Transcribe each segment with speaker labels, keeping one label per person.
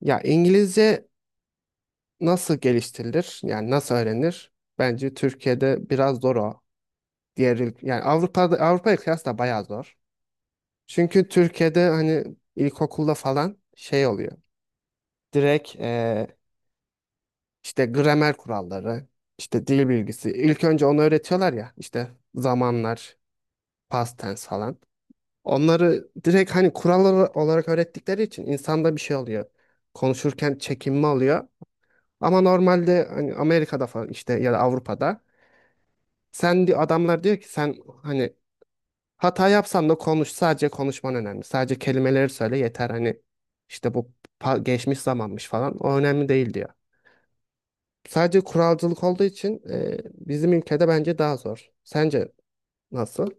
Speaker 1: Ya İngilizce nasıl geliştirilir? Yani nasıl öğrenir? Bence Türkiye'de biraz zor o. Yani Avrupa'da Avrupa'ya kıyasla bayağı zor. Çünkü Türkiye'de hani ilkokulda falan şey oluyor. Direkt işte gramer kuralları, işte dil bilgisi. İlk önce onu öğretiyorlar ya işte zamanlar, past tense falan. Onları direkt hani kurallar olarak öğrettikleri için insanda bir şey oluyor. Konuşurken çekinme oluyor. Ama normalde hani Amerika'da falan işte ya da Avrupa'da adamlar diyor ki sen hani hata yapsan da konuş, sadece konuşman önemli. Sadece kelimeleri söyle yeter, hani işte bu geçmiş zamanmış falan, o önemli değil diyor. Sadece kuralcılık olduğu için bizim ülkede bence daha zor. Sence nasıl?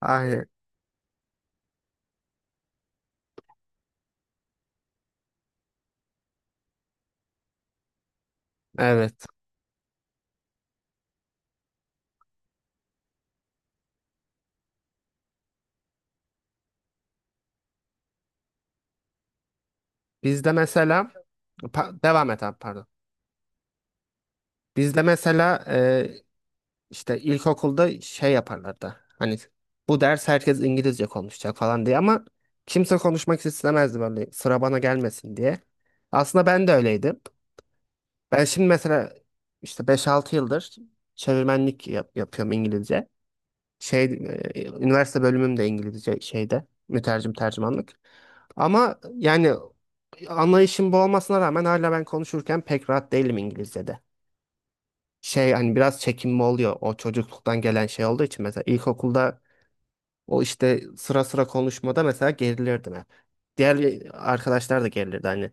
Speaker 1: Aynen. Evet. Bizde mesela. Devam et abi, pardon. Bizde mesela İşte ilkokulda şey yaparlardı. Hani bu ders herkes İngilizce konuşacak falan diye ama kimse konuşmak istemezdi, böyle sıra bana gelmesin diye. Aslında ben de öyleydim. Ben şimdi mesela işte 5-6 yıldır çevirmenlik yapıyorum İngilizce. Şey, üniversite bölümüm de İngilizce şeyde, mütercim tercümanlık. Ama yani anlayışım bu olmasına rağmen hala ben konuşurken pek rahat değilim İngilizce'de, şey hani biraz çekinme oluyor, o çocukluktan gelen şey olduğu için. Mesela ilkokulda o işte sıra sıra konuşmada mesela gerilirdim hep. Diğer arkadaşlar da gerilirdi hani,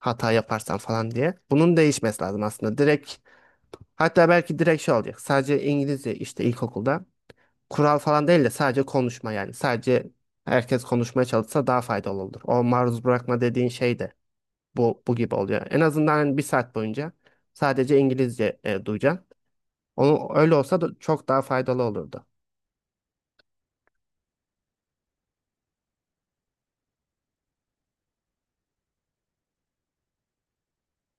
Speaker 1: hata yaparsan falan diye. Bunun değişmesi lazım aslında. Direkt, hatta belki direkt şey olacak. Sadece İngilizce, işte ilkokulda kural falan değil de sadece konuşma yani. Sadece herkes konuşmaya çalışsa daha faydalı olur. O maruz bırakma dediğin şey de bu gibi oluyor. En azından hani bir saat boyunca sadece İngilizce duyacaksın. O, öyle olsa da çok daha faydalı olurdu.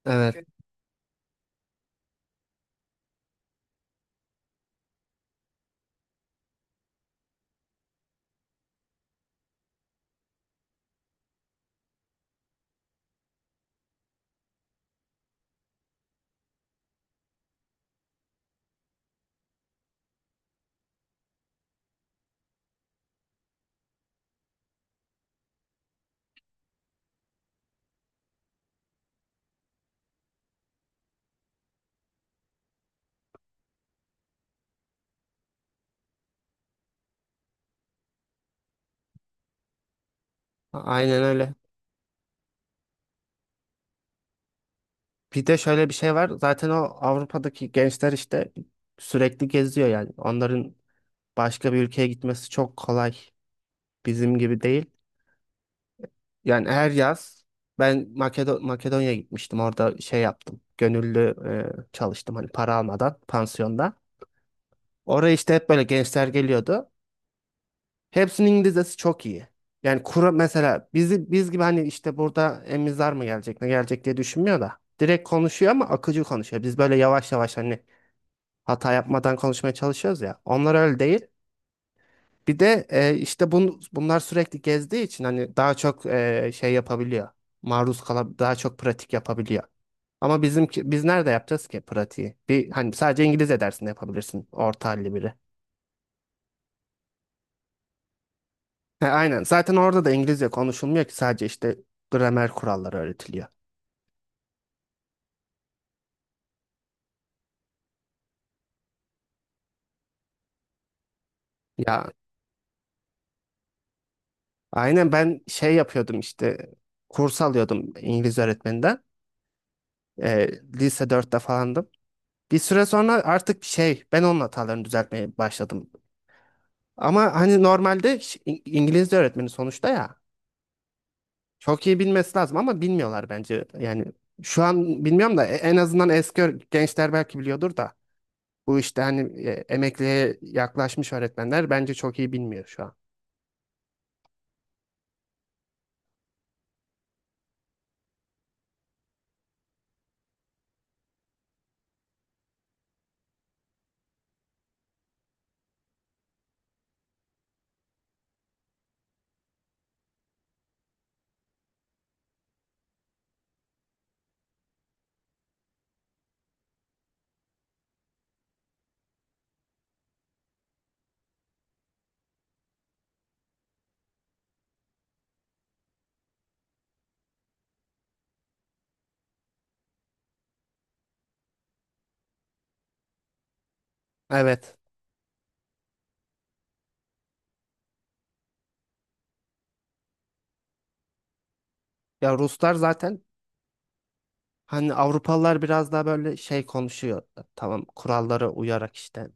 Speaker 1: Evet, evet. Aynen öyle. Bir de şöyle bir şey var. Zaten o Avrupa'daki gençler işte sürekli geziyor yani. Onların başka bir ülkeye gitmesi çok kolay. Bizim gibi değil. Yani her yaz ben Makedonya'ya gitmiştim. Orada şey yaptım. Gönüllü çalıştım, hani para almadan pansiyonda. Oraya işte hep böyle gençler geliyordu. Hepsinin İngilizcesi çok iyi. Yani kura mesela bizi, biz gibi hani işte burada emizler mı gelecek ne gelecek diye düşünmüyor da. Direkt konuşuyor ama akıcı konuşuyor. Biz böyle yavaş yavaş hani hata yapmadan konuşmaya çalışıyoruz ya. Onlar öyle değil. Bir de işte bunlar sürekli gezdiği için hani daha çok şey yapabiliyor. Maruz kalab Daha çok pratik yapabiliyor. Ama bizimki, biz nerede yapacağız ki pratiği? Bir hani sadece İngilizce dersinde yapabilirsin, orta halli biri. He, aynen. Zaten orada da İngilizce konuşulmuyor ki, sadece işte gramer kuralları öğretiliyor. Ya aynen, ben şey yapıyordum işte, kurs alıyordum İngiliz öğretmeninden. Ee, Lise 4'te falandım. Bir süre sonra artık şey, ben onun hatalarını düzeltmeye başladım. Ama hani normalde İngilizce öğretmeni sonuçta ya, çok iyi bilmesi lazım ama bilmiyorlar bence. Yani şu an bilmiyorum da en azından eski gençler belki biliyordur da, bu işte hani emekliye yaklaşmış öğretmenler bence çok iyi bilmiyor şu an. Evet. Ya Ruslar zaten, hani Avrupalılar biraz daha böyle şey konuşuyor. Tamam, kurallara uyarak işte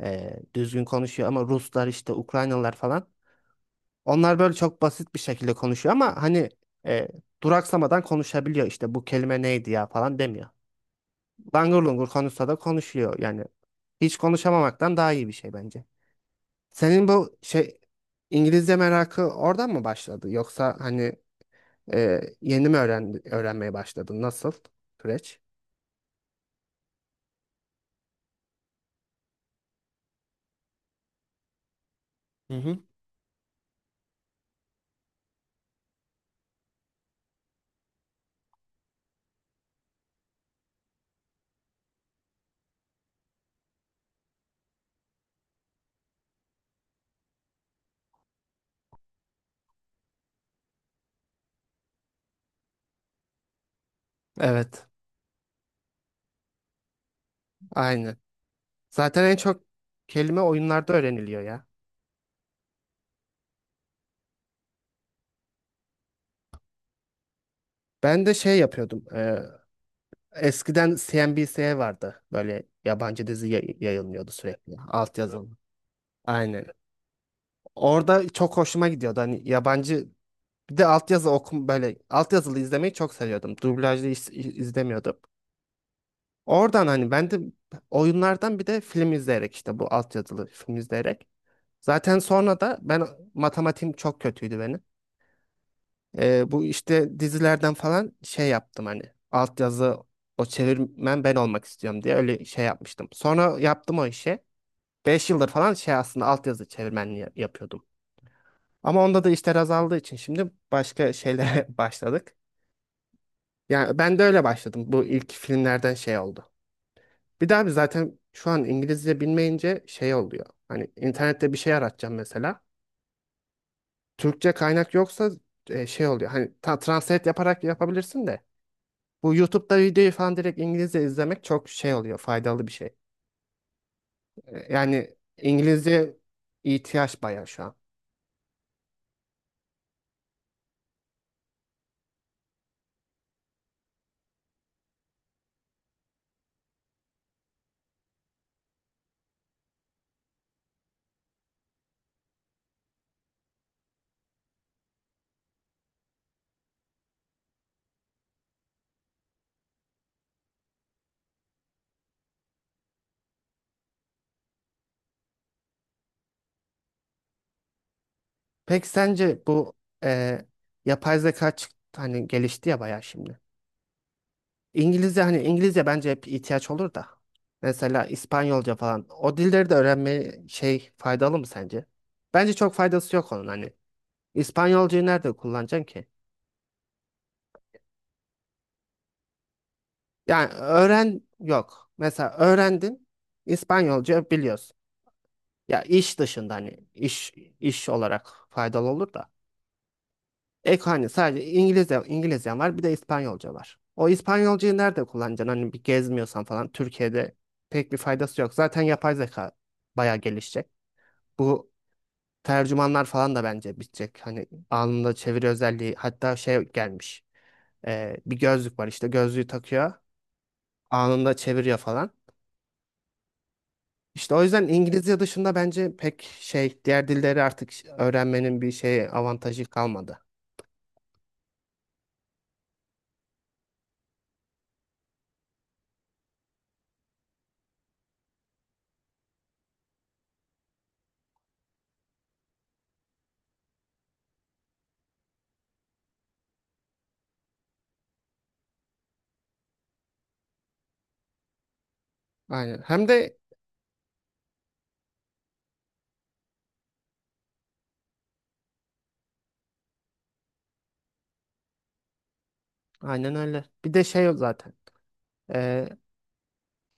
Speaker 1: düzgün konuşuyor ama Ruslar işte, Ukraynalılar falan. Onlar böyle çok basit bir şekilde konuşuyor ama hani e, duraksamadan konuşabiliyor, işte bu kelime neydi ya falan demiyor. Langur lungur konuşsa da konuşuyor yani. Hiç konuşamamaktan daha iyi bir şey bence. Senin bu şey İngilizce merakı oradan mı başladı? Yoksa hani, yeni mi öğrenmeye başladın? Nasıl süreç? Hı hı. Evet. Aynı. Zaten en çok kelime oyunlarda öğreniliyor ya. Ben de şey yapıyordum. Eskiden CNBC vardı. Böyle yabancı dizi yayınlıyordu sürekli. Altyazılı. Aynen. Orada çok hoşuma gidiyordu. Hani yabancı, bir de altyazı okum, böyle altyazılı izlemeyi çok seviyordum. Dublajlı izlemiyordum. Oradan hani ben de oyunlardan, bir de film izleyerek, işte bu altyazılı film izleyerek. Zaten sonra da ben, matematiğim çok kötüydü benim. Bu işte dizilerden falan şey yaptım, hani altyazı, o çevirmen ben olmak istiyorum diye öyle şey yapmıştım. Sonra yaptım o işi. 5 yıldır falan şey, aslında altyazı çevirmenliği yapıyordum. Ama onda da işler azaldığı için şimdi başka şeylere başladık. Yani ben de öyle başladım. Bu ilk filmlerden şey oldu. Bir daha bir, zaten şu an İngilizce bilmeyince şey oluyor. Hani internette bir şey aratacağım mesela. Türkçe kaynak yoksa şey oluyor. Hani translate yaparak yapabilirsin de. Bu YouTube'da videoyu falan direkt İngilizce izlemek çok şey oluyor. Faydalı bir şey. Yani İngilizce ihtiyaç bayağı şu an. Peki sence bu e, yapay zeka, hani gelişti ya bayağı şimdi. İngilizce, hani İngilizce bence hep ihtiyaç olur da. Mesela İspanyolca falan. O dilleri de öğrenme şey, faydalı mı sence? Bence çok faydası yok onun hani. İspanyolcayı nerede kullanacaksın ki? Yani öğren yok. Mesela öğrendin, İspanyolca biliyorsun. Ya iş dışında, hani iş olarak faydalı olur da. Ek hani, sadece İngilizcen var, bir de İspanyolca var. O İspanyolcayı nerede kullanacaksın? Hani bir gezmiyorsan falan, Türkiye'de pek bir faydası yok. Zaten yapay zeka bayağı gelişecek. Bu tercümanlar falan da bence bitecek. Hani anında çeviri özelliği, hatta şey gelmiş. Bir gözlük var, işte gözlüğü takıyor. Anında çeviriyor falan. İşte o yüzden İngilizce dışında bence pek şey, diğer dilleri artık öğrenmenin bir şey avantajı kalmadı. Aynen. Hem de aynen öyle. Bir de şey yok zaten. e,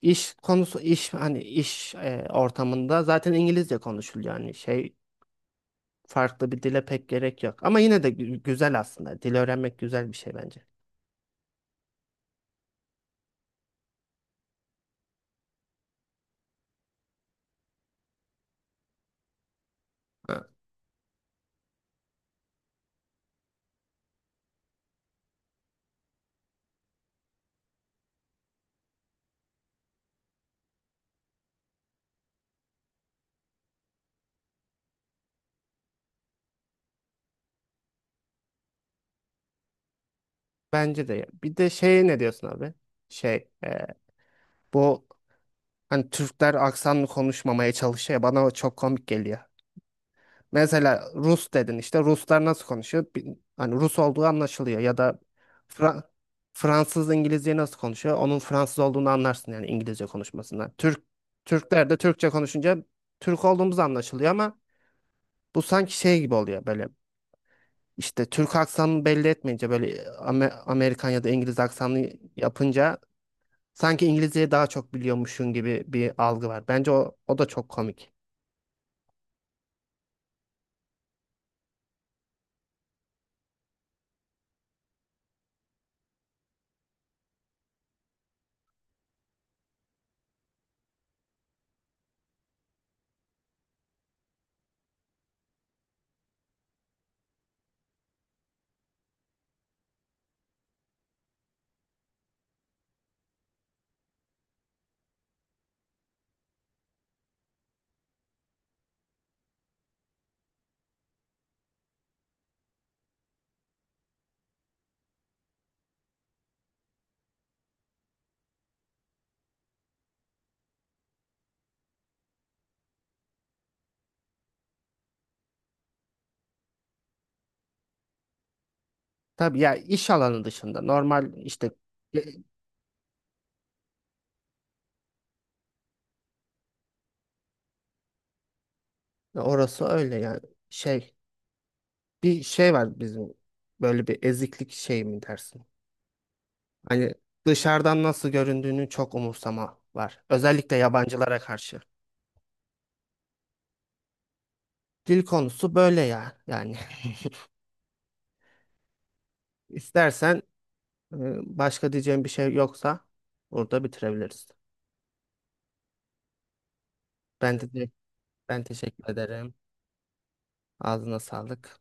Speaker 1: iş konusu, iş hani, iş ortamında zaten İngilizce konuşuluyor, yani şey, farklı bir dile pek gerek yok. Ama yine de güzel aslında. Dil öğrenmek güzel bir şey bence. Ha, bence de ya. Bir de şey, ne diyorsun abi? Şey bu hani Türkler aksanlı konuşmamaya çalışıyor ya, bana o çok komik geliyor. Mesela Rus dedin işte. Ruslar nasıl konuşuyor? Hani Rus olduğu anlaşılıyor. Ya da Fra- Fransız İngilizce nasıl konuşuyor? Onun Fransız olduğunu anlarsın yani İngilizce konuşmasından. Türkler de Türkçe konuşunca Türk olduğumuz anlaşılıyor ama bu sanki şey gibi oluyor böyle. İşte Türk aksanını belli etmeyince, böyle Amerikan ya da İngiliz aksanını yapınca sanki İngilizceyi daha çok biliyormuşsun gibi bir algı var. Bence o da çok komik. Tabii ya, iş alanı dışında normal. İşte e, orası öyle yani, şey, bir şey var bizim, böyle bir eziklik şey mi dersin? Hani dışarıdan nasıl göründüğünü çok umursama var, özellikle yabancılara karşı. Dil konusu böyle ya yani. İstersen, Ee, başka diyeceğim bir şey yoksa burada bitirebiliriz. Ben de, teşekkür ederim. Ağzına sağlık.